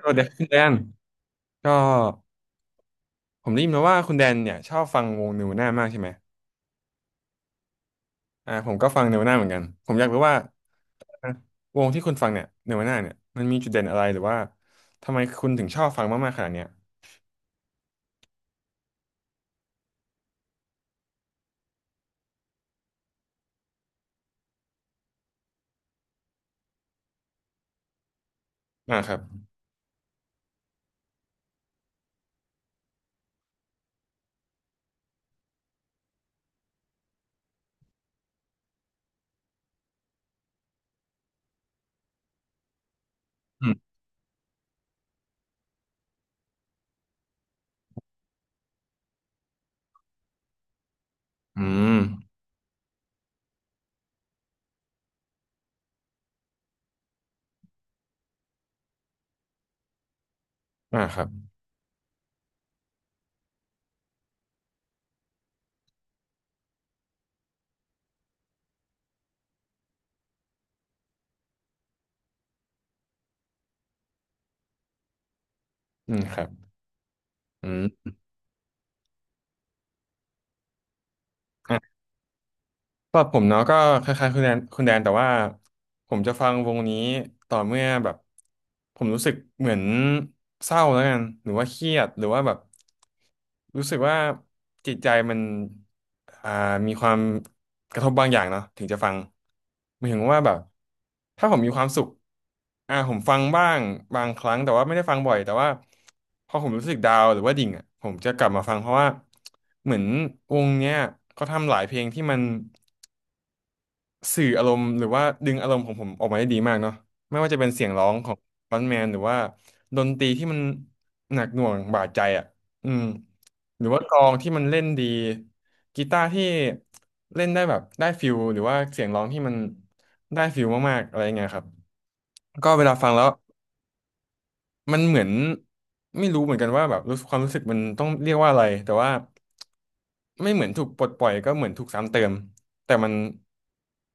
สวัสดีครับคุณแดนก็ผมได้ยินมาว่าคุณแดนเนี่ยชอบฟังวงเนวน่ามากใช่ไหมผมก็ฟังเนวน่าเหมือนกันผมอยากรู้ว่าวงที่คุณฟังเนี่ยเนวน่าเนี่ยมันมีจุดเด่นอะไรหรือว่าทำไมคุณถึงชอบฟังมากๆขนาดเนี้ยอ่าครับอืมอืมอ่าครับอืมครับอืม สำหรับผมเนาะก็คล้ายๆคุณแดนแต่ว่าผมจะฟังวงนี้ต่อเมื่อแบบผมรู้สึกเหมือนเศร้าแล้วกันหรือว่าเครียดหรือว่าแบบรู้สึกว่าจิตใจมันอ่ามีความกระทบบางอย่างเนาะถึงจะฟังหมายถึงว่าแบบถ้าผมมีความสุขผมฟังบ้างบางครั้งแต่ว่าไม่ได้ฟังบ่อยแต่ว่าพอผมรู้สึกดาวน์หรือว่าดิ่งอ่ะผมจะกลับมาฟังเพราะว่าเหมือนวงเนี้ยเขาทำหลายเพลงที่มัน สื่ออารมณ์หรือว่าดึงอารมณ์ของผมออกมาได้ดีมากเนาะไม่ว่าจะเป็นเสียงร้องของฟรอนต์แมนหรือว่าดนตรีที่มันหนักหน่วงบาดใจอ่ะอืมหรือว่ากลองที่มันเล่นดีกีตาร์ที่เล่นได้แบบได้ฟิลหรือว่าเสียงร้องที่มันได้ฟิลมากๆอะไรเงี้ยครับก็เวลาฟังแล้วมันเหมือนไม่รู้เหมือนกันว่าแบบรู้สึกความรู้สึกมันต้องเรียกว่าอะไรแต่ว่า ไม่เหมือนถูกปลดปล่อยก็เหมือนถูกซ้ำเติมแต่มัน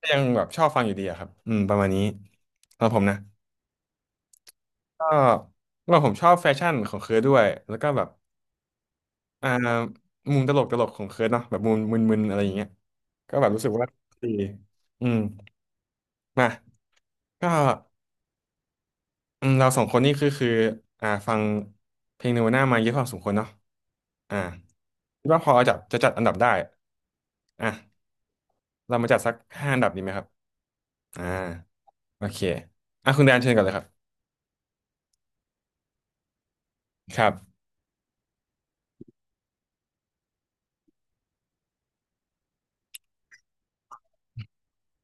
ก็ยังแบบชอบฟังอยู่ดีอะครับอืมประมาณนี้สำหรับผมนะก็ว่าผมชอบแฟชั่นของเคิร์ดด้วยแล้วก็แบบอ่ามุมตลกตลกของเคิร์ดเนาะแบบมุมมึนๆอะไรอย่างเงี้ยก็แบบรู้สึกว่าดีอืมมาก็อืมเราสองคนนี่คือฟังเพลงเนวาน่ามาเยอะพอสมควรเนาะอ่าคิดว่าพอจะจัดอันดับได้อ่ะเรามาจัดสักห้าอันดับดีไหมครับอ่า โอเคอ่ะคุณแดนเชิญก่อนเลยครับ ครับ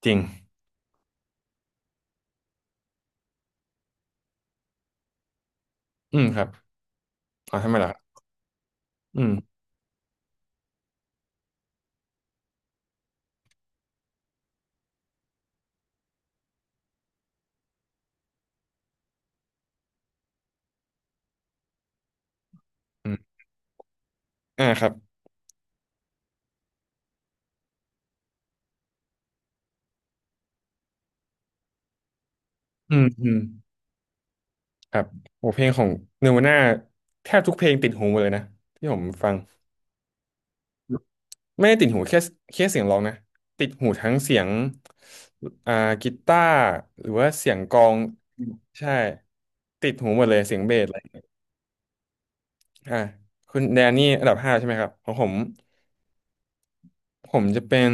จริง อืมครับอ๋อทำไมล่ะครับอืมอืมอ่าครับอืมอืม ครับโอ้เพลงของเนวาน่าแทบทุกเพลงติดหูหมดเลยนะที่ผมฟัง ไม่ได้ติดหูแค่เสียงร้องนะติดหูทั้งเสียงอ่ากีตาร์หรือว่าเสียงกลองใช่ติดหูหมดเลยเสียงเบสอะไรอ่าคุณแดนนี่อันดับห้าใช่ไหมครับของผมผมจะเป็น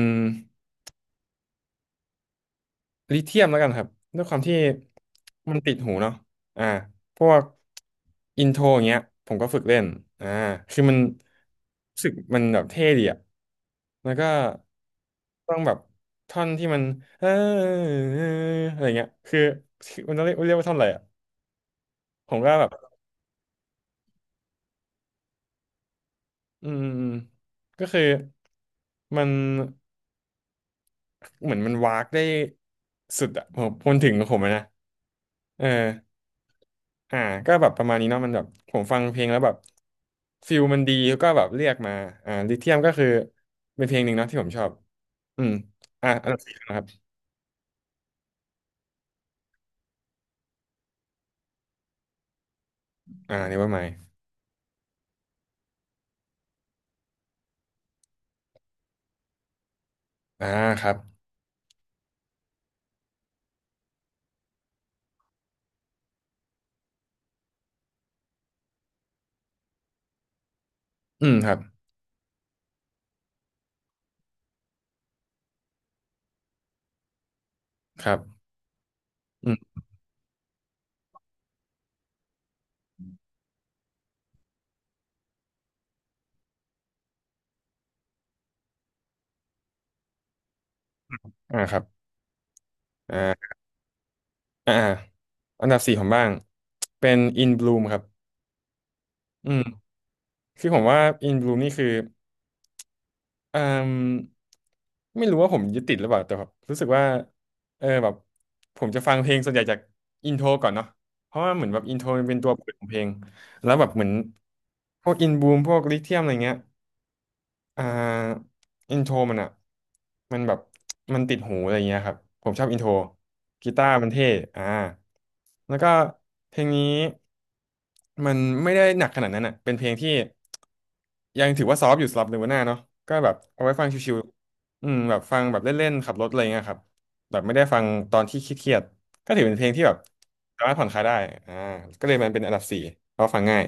ลิเธียมแล้วกันครับด้วยความที่มันติดหูเนาะอ่าพวกอินโทรอย่างเงี้ยผมก็ฝึกเล่นอ่าคือมันรู้สึกมันแบบเท่ดีอะแล้วก็ต้องแบบท่อนที่มันเอออะไรเงี้ยคือมันต้องเรียกว่าท่อนอะไรอะผมก็แบบอืมอืมก็คือมันเหมือนมันวากได้สุดอะผมมันถึงของผมอะนะเออ อ่าก็แบบประมาณนี้เนาะมันแบบผมฟังเพลงแล้วแบบฟิลมันดีก็แบบเรียกมาลิเทียมก็คือเป็นเพลงหนึ่งเนาะที่ผมชอบอืมอ่าอันดับสี่นะครับอ่า n นเวอร์มอ่าครับอืมครับครับอืมอ่าครับอ่าอ่าอาอันดับสี่ผมบ้างเป็น In Bloom ครับอืมคือผมว่า In Bloom นี่คือ เอ่มไม่รู้ว่าผมยึดติดหรือเปล่าแต่แบบรู้สึกว่าแบบผมจะฟังเพลงส่วนใหญ่จากอินโทรก่อนเนาะเพราะว่าเหมือนแบบอินโทรมันเป็นตัวเปิดของเพลงแล้วแบบเหมือนพวกอินบูมพวกลิเทียมอะไรเงี้ย อ่าอินโทรมันอ่ะมันแบบมันติดหูอะไรเงี้ยครับผมชอบอินโทรกีตาร์มันเท่อ่าแล้วก็เพลงนี้มันไม่ได้หนักขนาดนั้นอ่ะเป็นเพลงที่ยังถือว่าซอฟต์อยู่สำหรับเลเวาน่าเนาะก็แบบเอาไว้ฟังชิวๆอืมแบบฟังแบบเล่นๆขับรถอะไรเงี้ยครับแบบไม่ได้ฟังตอนที่เครียดๆก็ถือเป็นเพลงที่แบบสามารถผ่อนคลายได้อ่าก็เลยมันเป็นอันดับสี่เพราะฟังง่าย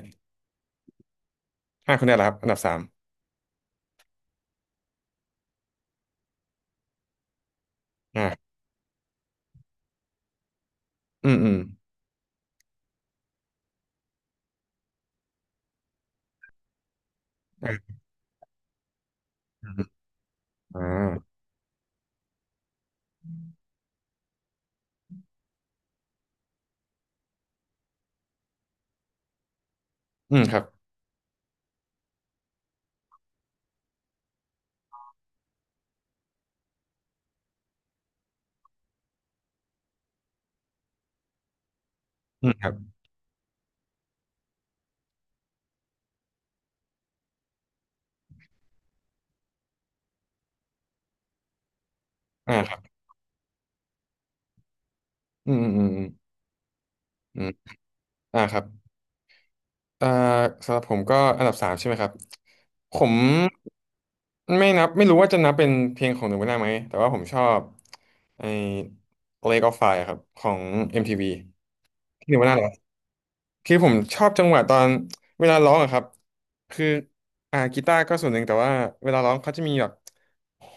ห้าคนได้แล้วครับอันดับสามอ่าอืมอืม อ่าอืมครับอืมครับอ่าครับอืมอืมอืมอืมอ่าครับอ่าสำหรับผมก็อันดับสามใช่ไหมครับ ผมไม่นับไม่รู้ว่าจะนับเป็นเพลงของหนูไม่งวันได้ไหมแต่ว่าผมชอบไอ้ Lake of Fire ครับของ MTV ทีวีที่หนูไม่งวันได้เหรอคือผมชอบจังหวะตอนเวลาร้องอะครับคือกีตาร์ก็ส่วนหนึ่งแต่ว่าเวลาร้องเขาจะมีแบบ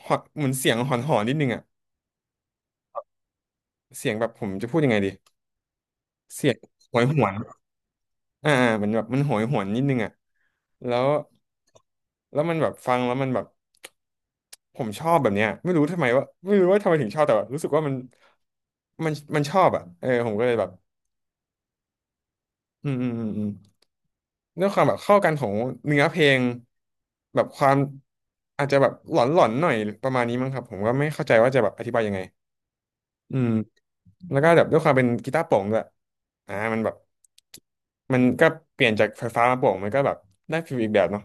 หอนเหมือนเสียงหอนๆนนิดนึงอะเสียงแบบผมจะพูดยังไงดีเสียงหวยหวน เหมือนแบบมันโหยหวนนิดนึงอ่ะแล้วแล้วมันแบบฟังแล้วมันแบบผมชอบแบบเนี้ยไม่รู้ทำไมว่าไม่รู้ว่าทำไมถึงชอบแต่แบบรู้สึกว่ามันมันชอบอ่ะเออผมก็เลยแบบอืมอืมอืมอืมด้วยความแบบเข้ากันของเนื้อเพลงแบบความอาจจะแบบหลอนหลอนหน่อยประมาณนี้มั้งครับผมก็ไม่เข้าใจว่าจะแบบอธิบายยังไงอืมแล้วก็แบบด้วยความเป็นกีตาร์โปร่งด้วยมันแบบมันก็เปลี่ยนจากไฟฟ้ามาโปร่งมันก็แบบได้ฟีลอีกแบบเนาะ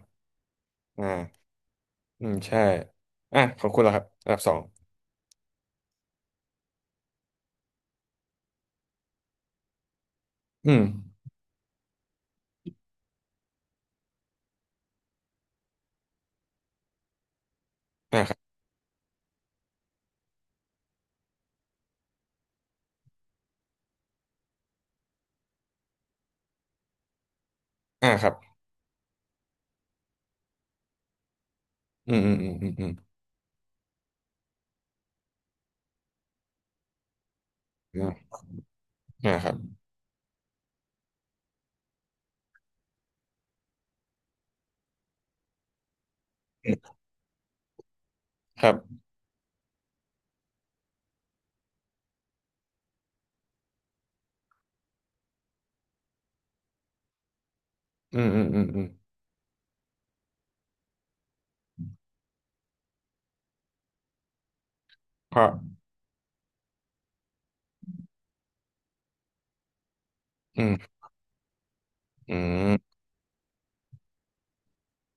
อ่าอืมใช่อ่ะขอบคุณแล้วครับอันดับสอง อืมอ่าครับอ่าครับ อืม อืม อืม อืมอืมอืมอ่าครับอืมครับอืมอืมอืมอืมเพราะอืมอืม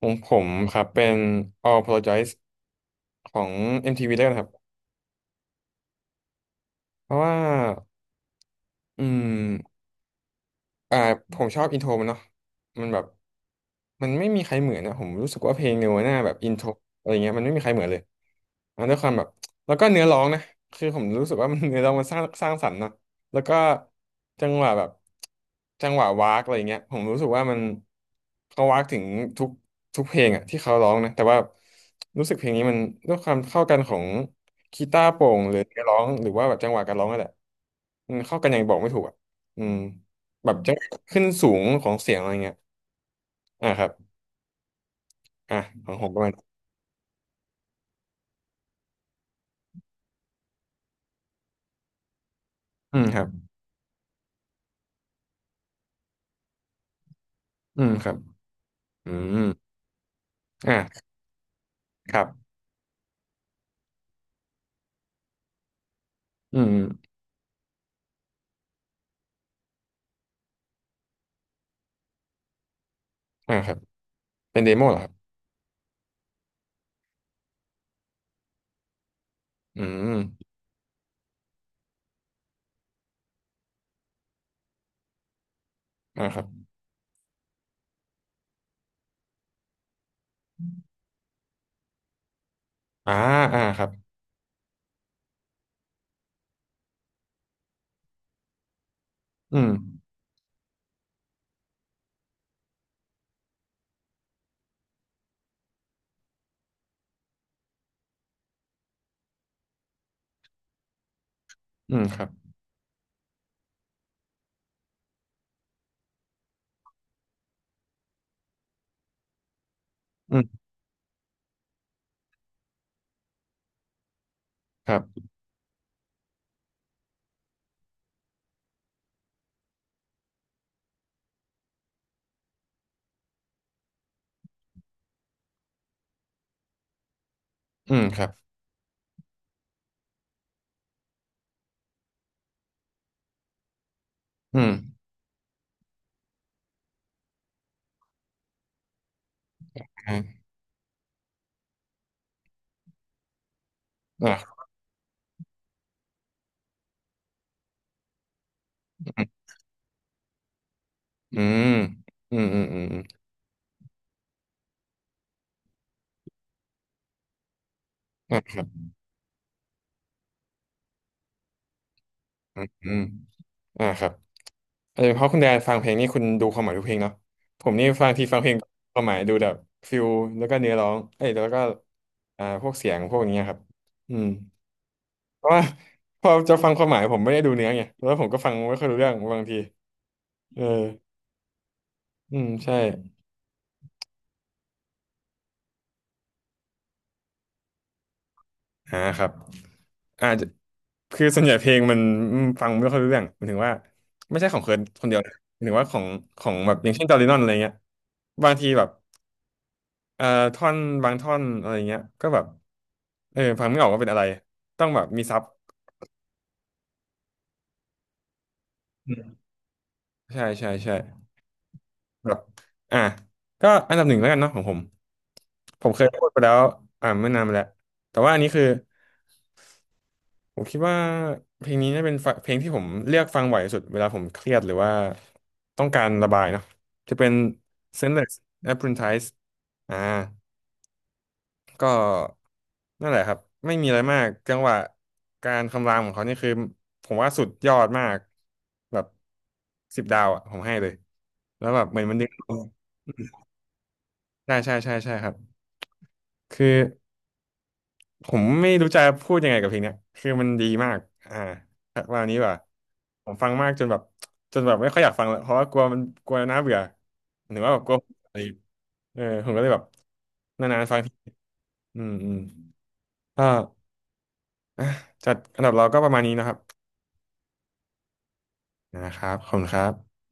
ของผมครับเป็น All Apologize ของ MTV ได้วกันะครับ เพราะว่า อืม อ่าผมชอบอินโทรมันเนาะมันแบบมันไม่มีใครเหมือนนะผมรู้สึกว่าเพลงเนวาน่าแบบอินโทรอะไรเงี้ยมันไม่มีใครเหมือนเลยด้วยความแบบแล้วก็เนื้อร้องนะคือผมรู้สึกว่า มัน เนื้อร้องมันสร้างสรรค์เนาะแล้วก็จังหวะแบบจังหวะวากอะไรเงี้ยผมรู้สึกว่ามันเขาวากถึงทุกทุกเพลงอะที่เขาร้องนะแต่ว่ารู้สึกเพลงนี้มันด้วยความเข้ากันของกีตาร์โปร่งหรือเนื้อร้องหรือว่าแบบจังหวะการร้องนั่นแหละมันเข้ากันอย่างบอกไม่ถูกอะอืม แบบจะขึ้นสูงของเสียงอะไรเงี้ยอ่าครับ อ่าของผมประมาณอืมครับ อืมครับ อืมอ่าครับอืมอ่าครับเป็นเดโมเหรอครับอืมอ่าครับอ่าอ่าครับอืมอืมครับอืมครับอืมครับอืมอ่าอ่าอืมอืมอืมอืมอืมอ่าครับอืมอืมอ่าครับ เออเพราะคุณแดนฟังเพลงนี่คุณดูความหมายทุกเพลงเนาะผมนี่ฟังทีฟังเพลงความหมายดูแบบฟิลแล้วก็เนื้อร้องเอ้ยแล้วก็อ่าพวกเสียงพวกนี้ครับอืมเพราะว่าพอจะฟังความหมายผมไม่ได้ดูเนื้อไงแล้วผมก็ฟังไม่ค่อยรู้เรื่องบางทีเอออืมใช่อ่าครับอาจจะคือส่วนใหญ่เพลงมันอืมฟังไม่ค่อยรู้เรื่องหมายถึงว่าไม่ใช่ของเคิร์นคนเดียวนะหมายถึงว่าของของแบบอย่างเช่นจอร์ดินดนอะไรเงี้ยบางทีแบบ เอ่อท่อนบางท่อนอะไรเงี้ยก็แบบเออฟังไม่ออกว่าเป็นอะไรต้องแบบมีซับอืมใช่แบบอ่ะก็อันดับหนึ่งแล้วกันเนาะของผมผมเคยพูดไปแล้วอ่าเมื่อนานมาแล้วแต่ว่าอันนี้คือผมคิดว่าเพลงนี้น่าเป็นฟะเพลงที่ผมเลือกฟังบ่อยที่สุดเวลาผมเครียดหรือว่าต้องการระบายเนาะจะเป็น Senseless Apprentice อ่า ก็นั่นแหละครับไม่มีอะไรมากจังหวะการคำรามของเขานี่คือผมว่าสุดยอดมากแบบ10 ดาวอ่ะผมให้เลยแล้วแบบเหมือนมันดึงเราใช่ครับคือผมไม่รู้จะพูดยังไงกับเพลงเนี้ยคือมันดีมากอ่าวันนี้ว่าผมฟังมากจนแบบจนแบบไม่ค่อยอยากฟังแล้วเพราะว่ากลัวมันกลัวน่าเบื่อหรือว่าแบบกลัวอะไรเออผมก็เลยแบบนานๆฟังทีอืมอืมก็อ่ะจัดอันดับเราก็ประมาณนี้นะครับ นะครับขอบคุณครับ